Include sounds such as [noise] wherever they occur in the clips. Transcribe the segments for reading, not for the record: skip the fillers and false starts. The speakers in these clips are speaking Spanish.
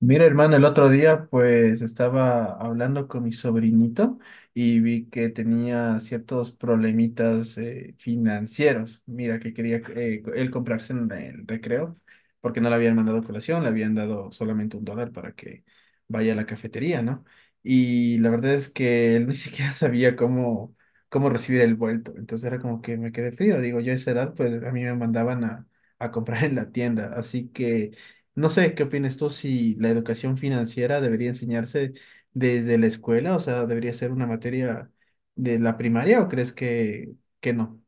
Mira, hermano, el otro día pues estaba hablando con mi sobrinito y vi que tenía ciertos problemitas financieros. Mira, que quería él comprarse en el recreo porque no le habían mandado colación, le habían dado solamente $1 para que vaya a la cafetería, ¿no? Y la verdad es que él ni [laughs] siquiera sabía cómo recibir el vuelto. Entonces era como que me quedé frío. Digo, yo a esa edad pues a mí me mandaban a comprar en la tienda. Así que. No sé, ¿qué opinas tú si la educación financiera debería enseñarse desde la escuela? O sea, ¿debería ser una materia de la primaria o crees que no?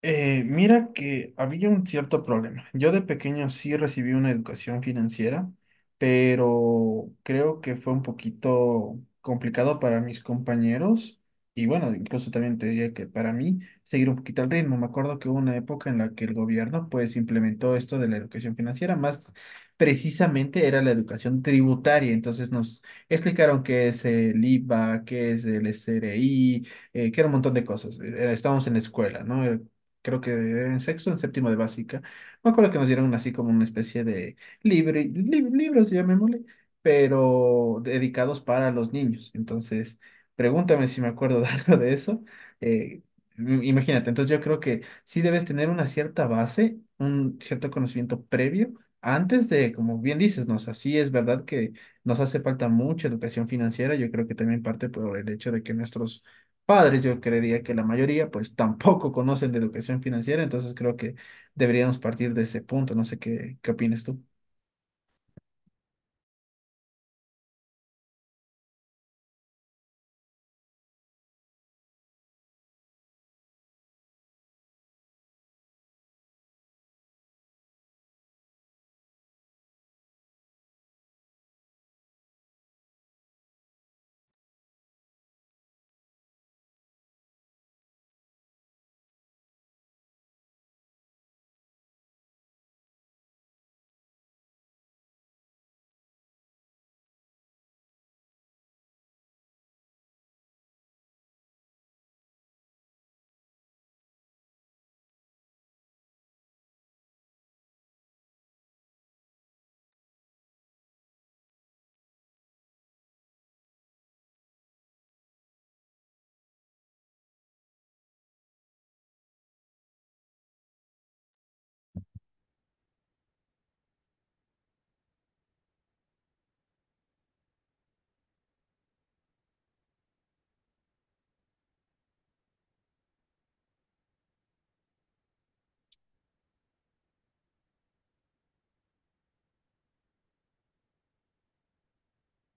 Mira que había un cierto problema. Yo de pequeño sí recibí una educación financiera, pero creo que fue un poquito complicado para mis compañeros y bueno, incluso también te diría que para mí seguir un poquito el ritmo. Me acuerdo que hubo una época en la que el gobierno pues implementó esto de la educación financiera, más precisamente era la educación tributaria. Entonces nos explicaron qué es el IVA, qué es el SRI que era un montón de cosas. Estábamos en la escuela, ¿no? Creo que en sexto, en séptimo de básica. Me acuerdo que nos dieron así como una especie de libros, llamémosle, pero dedicados para los niños. Entonces, pregúntame si me acuerdo de [laughs] algo de eso. Eh, imagínate, entonces yo creo que sí debes tener una cierta base, un cierto conocimiento previo. Antes de, como bien dices, nos así es verdad que nos hace falta mucha educación financiera. Yo creo que también parte por el hecho de que nuestros padres, yo creería que la mayoría pues tampoco conocen de educación financiera, entonces creo que deberíamos partir de ese punto, no sé qué opinas tú.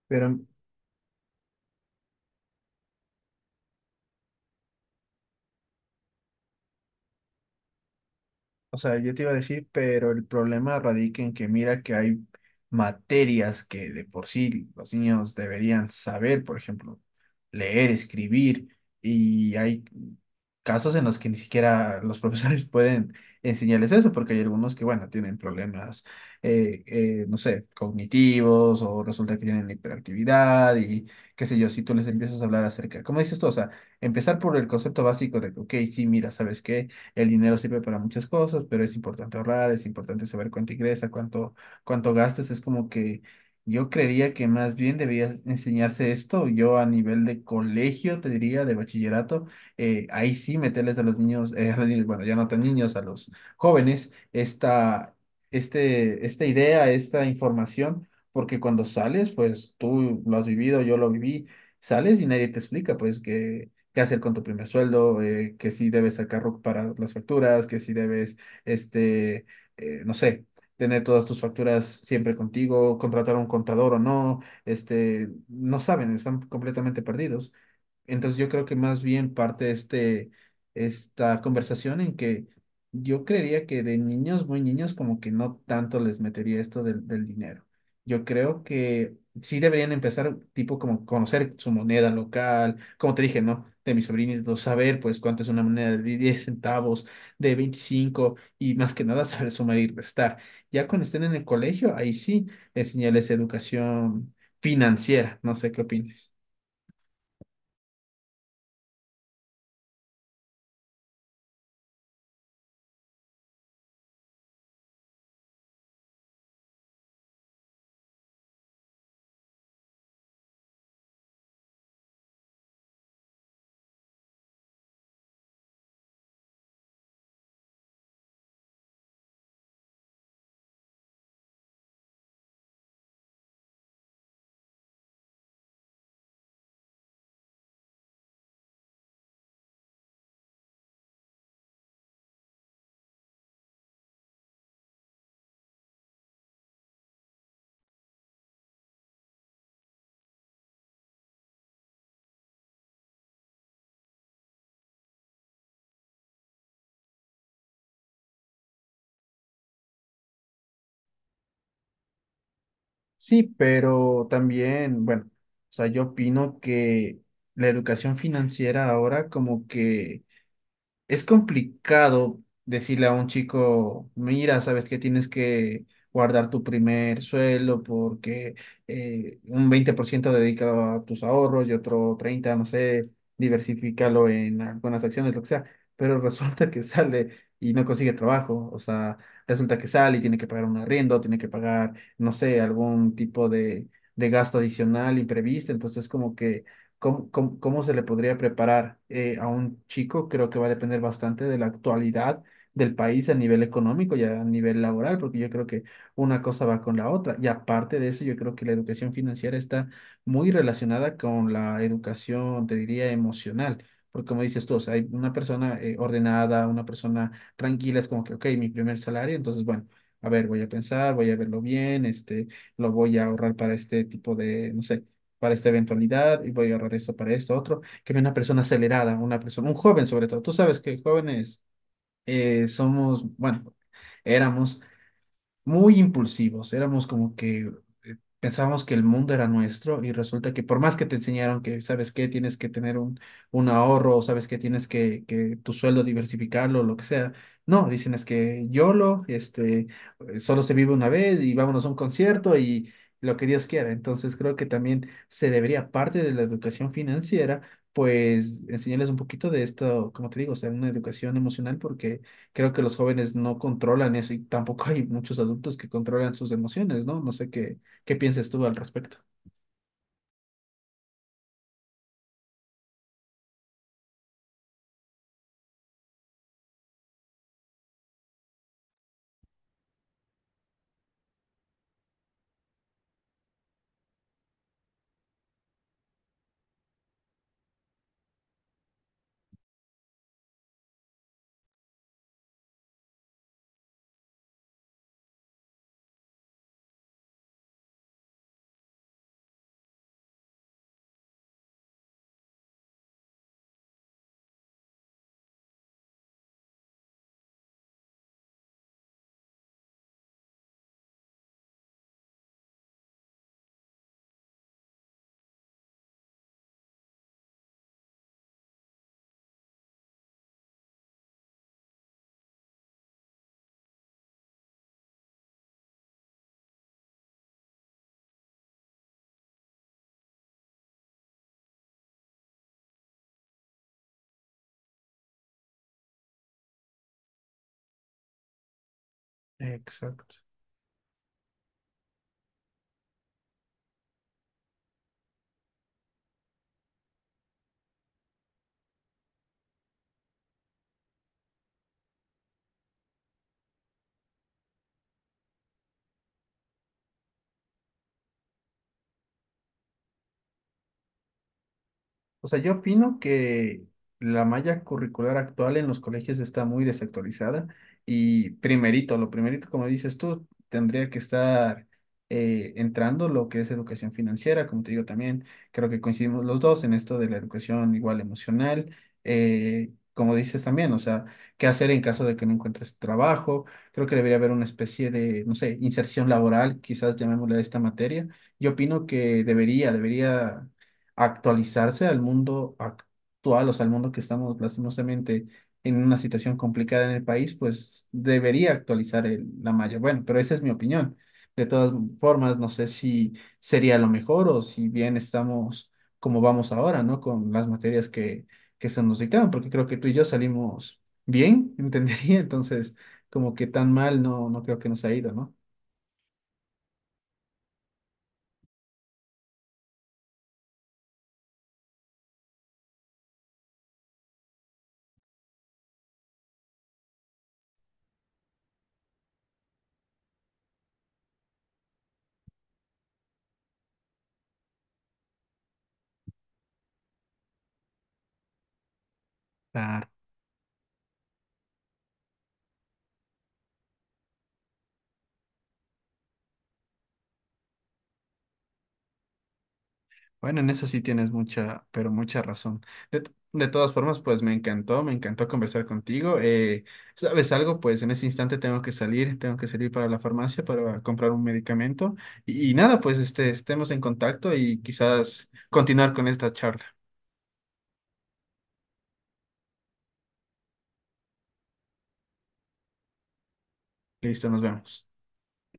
Pero, o sea, yo te iba a decir, pero el problema radica en que mira que hay materias que de por sí los niños deberían saber, por ejemplo, leer, escribir, y hay casos en los que ni siquiera los profesores [laughs] pueden enseñarles eso, porque hay algunos que, bueno, tienen problemas, no sé, cognitivos o resulta que tienen hiperactividad y qué sé yo, si tú les empiezas a hablar acerca, como dices tú, o sea, empezar por el concepto básico de, que, ok, sí, mira, sabes que el dinero sirve para muchas cosas, pero es importante ahorrar, es importante saber cuánto ingresa, cuánto gastas, es como que. Yo creería que más bien debías enseñarse esto, yo a nivel de colegio, te diría, de bachillerato, ahí sí meterles a los niños, bueno, ya no tan niños, a los jóvenes, esta idea, esta información, porque cuando sales, pues tú lo has vivido, yo lo viví, sales y nadie te explica, pues, qué hacer con tu primer sueldo, que si debes sacar RUC para las facturas, que si debes, este, no sé. Tener todas tus facturas siempre contigo, contratar a un contador o no, no saben, están completamente perdidos. Entonces yo creo que más bien parte esta conversación en que yo creería que de niños, muy niños, como que no tanto les metería esto del dinero. Yo creo que sí deberían empezar tipo como conocer su moneda local, como te dije, ¿no? De mis sobrinitos, saber pues cuánto es una moneda de 10 centavos, de 25 y más que nada [laughs] saber sumar y restar. Ya cuando estén en el colegio, ahí sí enseñarles educación financiera, no sé qué opinas. Sí, pero también, bueno, o sea, yo opino que la educación financiera ahora como que es complicado decirle a un chico, mira, sabes que tienes que guardar tu primer sueldo porque un 20% dedícalo a tus ahorros y otro 30, no sé, diversifícalo en algunas acciones, lo que sea, pero [laughs] resulta que sale y no consigue trabajo, o sea, resulta que sale y tiene que pagar un arriendo, tiene que pagar, no sé, algún tipo de gasto adicional imprevisto, entonces como que. ¿Cómo se le podría preparar a un chico? Creo que va a depender bastante de la actualidad del país a nivel económico y a nivel laboral, porque yo creo que una cosa va con la otra. Y aparte de eso, yo creo que la educación financiera está muy relacionada con la educación, te diría, emocional. Porque como dices tú, o sea, hay una persona ordenada, una persona tranquila, es como que, ok, mi primer salario, entonces, bueno, a ver, voy a pensar, voy a verlo bien, lo voy a ahorrar para este tipo de, no sé para esta eventualidad y voy a ahorrar esto para esto, otro, que una persona acelerada, una persona, un joven sobre todo. Tú sabes que jóvenes somos, bueno, éramos muy impulsivos, éramos como que pensábamos que el mundo era nuestro y resulta que por más que te enseñaron que, ¿sabes qué? Tienes que tener un ahorro, o ¿sabes qué? Tienes que tu sueldo diversificarlo, lo que sea. No, dicen es que YOLO, solo se vive una vez y vámonos a un concierto y lo que Dios quiera. Entonces creo que también se debería, parte de la educación financiera, pues enseñarles un poquito de esto, como te digo, o sea, una educación emocional porque creo que los jóvenes no controlan eso y tampoco [laughs] hay muchos adultos que controlan sus emociones, ¿no? No sé qué piensas tú al respecto. Exacto. O sea, yo opino que la malla curricular actual en los colegios está muy desactualizada y primerito, lo primerito, como dices tú, tendría que estar entrando lo que es educación financiera, como te digo también, creo que coincidimos los dos en esto de la educación igual emocional, como dices también, o sea, qué hacer en caso de que no encuentres trabajo, creo que debería haber una especie de, no sé, inserción laboral, quizás llamémosle a esta materia. Yo opino que debería actualizarse al mundo actual, o sea, al mundo que estamos lastimosamente en una situación complicada en el país, pues debería actualizar la malla. Bueno, pero esa es mi opinión. De todas formas, no sé si sería lo mejor o si bien estamos como vamos ahora, ¿no? Con las materias que se nos dictaron, porque creo que tú y yo salimos bien, [laughs] entendería, entonces como que tan mal no, no creo que nos ha ido, ¿no? Bueno, en eso sí tienes mucha, pero mucha razón. De todas formas, pues me encantó conversar contigo. ¿Sabes algo? Pues en ese instante tengo que salir para la farmacia para comprar un medicamento. Y nada, pues estemos en contacto y quizás continuar con esta charla. Listo, nos vemos.